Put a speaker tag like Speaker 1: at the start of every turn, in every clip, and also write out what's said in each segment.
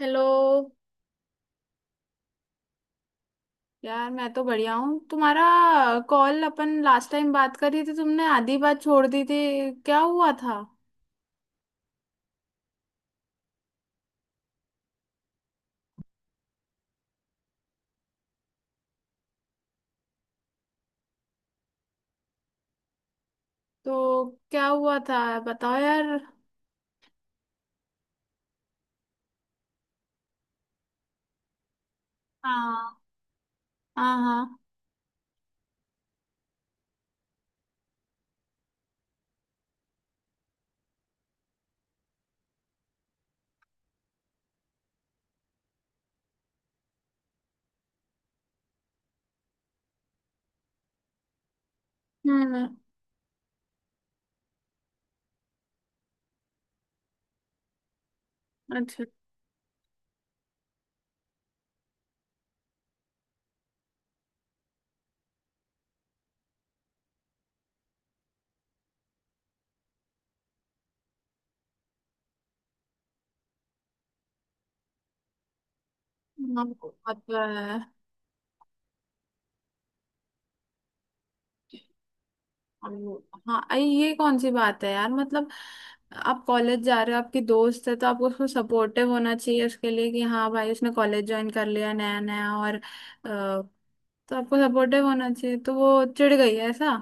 Speaker 1: Hello. यार मैं तो बढ़िया हूँ। तुम्हारा कॉल, अपन लास्ट टाइम बात कर रही थी, तुमने आधी बात छोड़ दी थी, क्या हुआ था? तो क्या हुआ था बताओ यार। हाँ, हाँ, हाँ। हम्म। अच्छा। हाँ, वो बात तो है। हाँ ये कौन सी बात है यार? मतलब आप कॉलेज जा रहे हो, आपकी दोस्त है, तो आपको उसको सपोर्टिव होना चाहिए उसके लिए कि हाँ भाई उसने कॉलेज ज्वाइन कर लिया नया नया। तो आपको सपोर्टिव होना चाहिए। तो वो चिढ़ गई है ऐसा?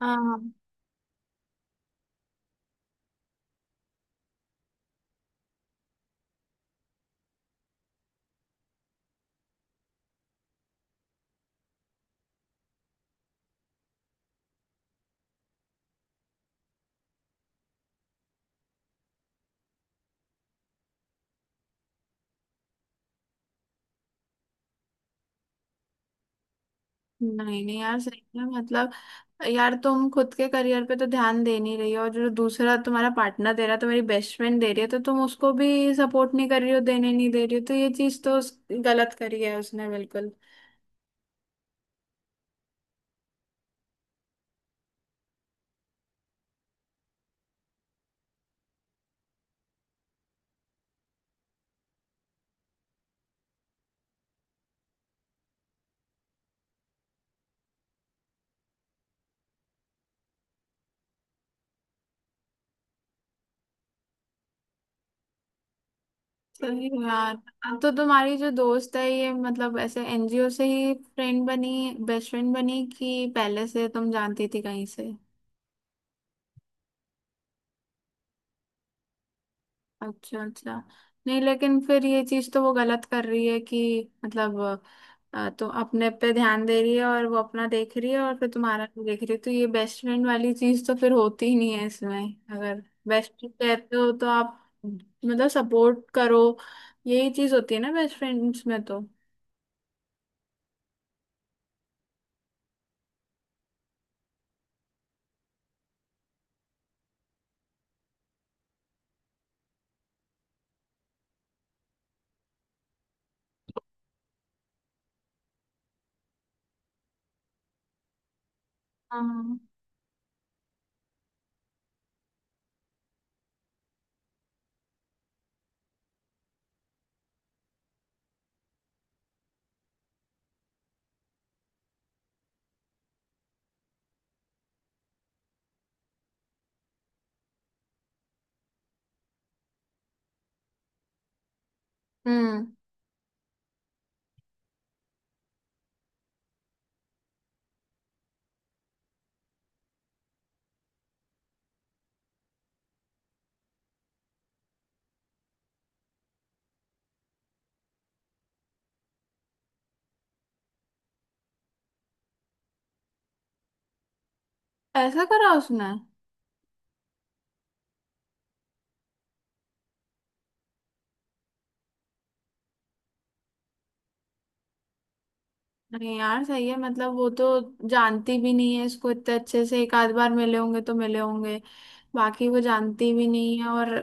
Speaker 1: हाँ। नहीं नहीं यार, सही है मतलब। यार तुम खुद के करियर पे तो ध्यान दे नहीं रही हो, और जो दूसरा तुम्हारा पार्टनर दे रहा है, तुम्हारी बेस्ट फ्रेंड दे रही है, तो तुम उसको भी सपोर्ट नहीं कर रही हो, देने नहीं दे रही हो। तो ये चीज तो गलत करी है उसने, बिल्कुल। सही यार। अब तो तुम्हारी जो दोस्त है ये, मतलब ऐसे एनजीओ से ही फ्रेंड बनी, बेस्ट फ्रेंड बनी, कि पहले से तुम जानती थी कहीं से? अच्छा, अच्छा। नहीं, लेकिन फिर ये चीज तो वो गलत कर रही है कि मतलब, तो अपने पे ध्यान दे रही है, और वो अपना देख रही है और फिर तुम्हारा नहीं देख रही है, तो ये बेस्ट फ्रेंड वाली चीज तो फिर होती ही नहीं है इसमें। अगर बेस्ट फ्रेंड कहते हो तो आप, मतलब सपोर्ट करो। यही चीज होती है ना बेस्ट फ्रेंड्स में तो। हाँ। हम्म। ऐसा करा उसने? नहीं यार सही है मतलब, वो तो जानती भी नहीं है इसको इतने अच्छे से, एक आध बार मिले होंगे तो मिले होंगे, बाकी वो जानती भी नहीं है। और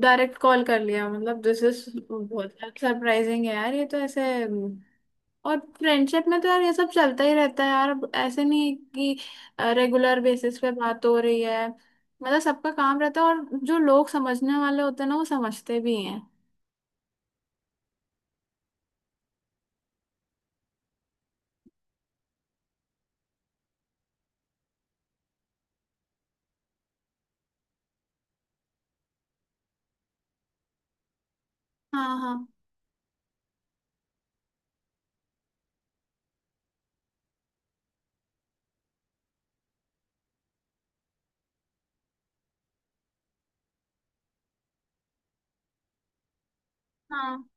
Speaker 1: डायरेक्ट कॉल कर लिया, मतलब दिस इज बहुत सरप्राइजिंग है यार। ये तो ऐसे और फ्रेंडशिप में तो यार ये सब चलता ही रहता है यार। अब ऐसे नहीं है कि रेगुलर बेसिस पे बात हो रही है, मतलब सबका काम रहता है, और जो लोग समझने वाले होते हैं ना, वो समझते भी हैं। हाँ, हाँ। हाँ।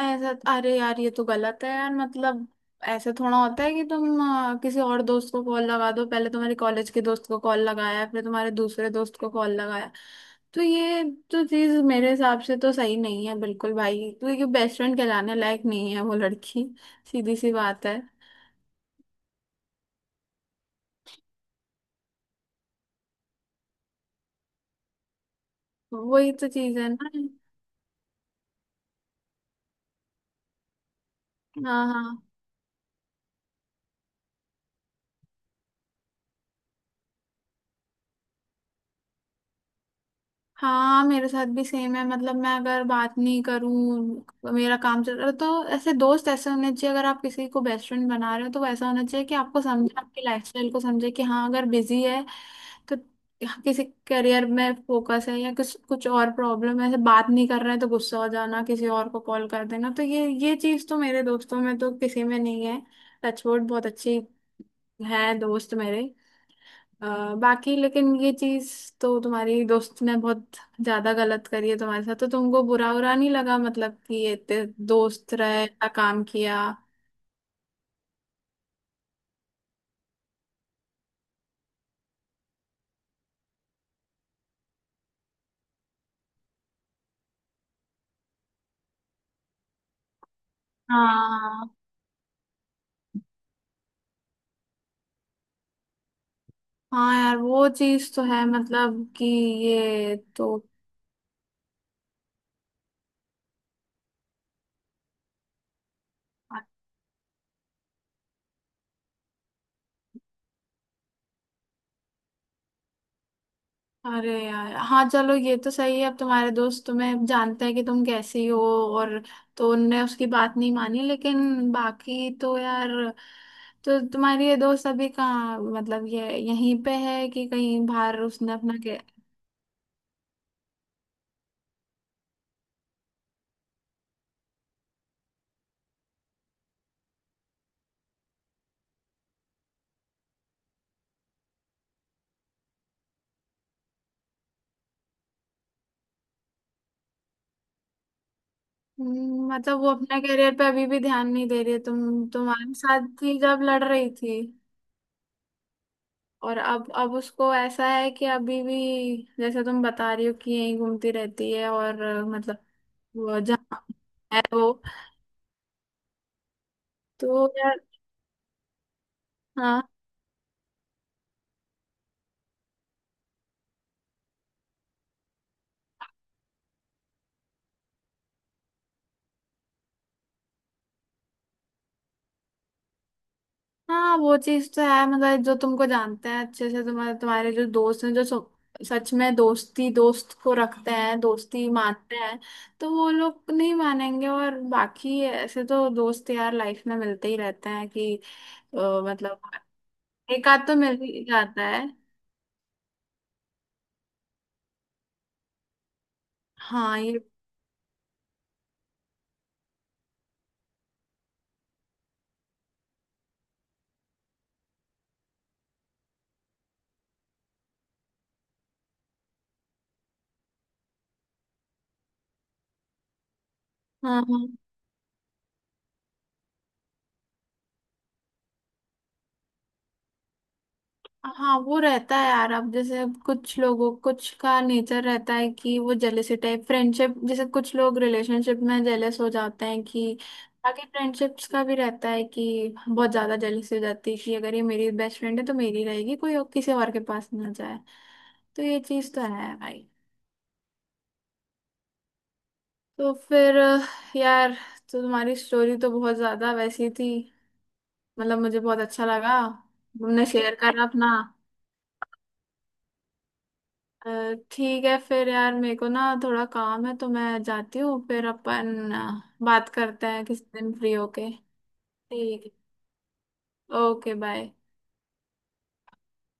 Speaker 1: अरे यार ये तो गलत है यार, मतलब ऐसे थोड़ा होता है कि तुम, किसी और दोस्त को कॉल लगा दो, पहले तुम्हारे कॉलेज के दोस्त को कॉल लगाया, फिर तुम्हारे दूसरे दोस्त को कॉल लगाया। तो ये, तो चीज मेरे हिसाब से तो सही नहीं है बिल्कुल भाई, क्योंकि बेस्ट फ्रेंड कहलाने लायक नहीं है वो लड़की। सीधी सी बात है। वही तो चीज है ना। हाँ, हाँ। हाँ मेरे साथ भी सेम है, मतलब मैं अगर बात नहीं करूँ, मेरा काम चल रहा है, तो ऐसे दोस्त ऐसे होने चाहिए। अगर आप किसी को बेस्ट फ्रेंड बना रहे हो तो वो ऐसा होना चाहिए कि आपको समझे, आपके लाइफस्टाइल को समझे कि हाँ अगर बिजी है, तो किसी करियर में फोकस है या कुछ कुछ और प्रॉब्लम है, ऐसे बात नहीं कर रहे हैं, तो गुस्सा हो जाना, किसी और को कॉल कर देना, तो ये चीज़ तो मेरे दोस्तों में तो किसी में नहीं है, टचवुड, बहुत अच्छी है दोस्त मेरे। बाकी लेकिन ये चीज, तो तुम्हारी दोस्त ने बहुत ज्यादा गलत करी है तुम्हारे साथ। तो तुमको बुरा उरा नहीं लगा मतलब, कि ये दोस्त रहे, इतना काम किया? हाँ। हाँ यार वो चीज तो है मतलब कि, ये तो, अरे यार हाँ, चलो ये तो सही है, अब तुम्हारे दोस्त तुम्हें जानते हैं कि तुम कैसी हो, और तो उनने उसकी बात नहीं मानी। लेकिन बाकी तो यार, तो तुम्हारी ये दोस्त अभी कहाँ, मतलब ये यहीं पे है कि कहीं बाहर उसने अपना के? मतलब वो अपना करियर पे अभी भी ध्यान नहीं दे रही है? तुम तुम्हारे साथ थी जब लड़ रही थी, और अब उसको ऐसा है कि अभी भी जैसे तुम बता रही हो कि यहीं घूमती रहती है और मतलब वो जहाँ है वो, तो यार। हाँ, हाँ। वो चीज तो है मतलब, जो तुमको जानते हैं अच्छे से, तुम्हारे तुम्हारे जो दोस्त हैं, जो सच में दोस्ती, दोस्त को रखते हैं, दोस्ती मानते हैं, तो वो लोग नहीं मानेंगे। और बाकी ऐसे तो दोस्त यार लाइफ में मिलते ही रहते हैं कि, मतलब एक आध तो मिल ही जाता है। हाँ ये। हाँ, हाँ। हाँ वो रहता है यार, अब जैसे कुछ लोगों, कुछ का नेचर रहता है कि वो जेलेसी टाइप फ्रेंडशिप, जैसे कुछ लोग रिलेशनशिप में जेलेस हो जाते हैं कि, बाकी फ्रेंडशिप्स का भी रहता है कि बहुत ज्यादा जेलेसी हो जाती है कि अगर ये मेरी बेस्ट फ्रेंड है तो मेरी रहेगी, कोई और किसी और के पास ना जाए, तो ये चीज तो है भाई। तो फिर यार तो तुम्हारी स्टोरी तो बहुत ज्यादा वैसी थी, मतलब मुझे बहुत अच्छा लगा तुमने शेयर करा अपना। अ, ठीक है फिर यार, मेरे को ना थोड़ा काम है, तो मैं जाती हूँ। फिर अपन बात करते हैं किसी दिन फ्री होके। ठीक है। Okay bye.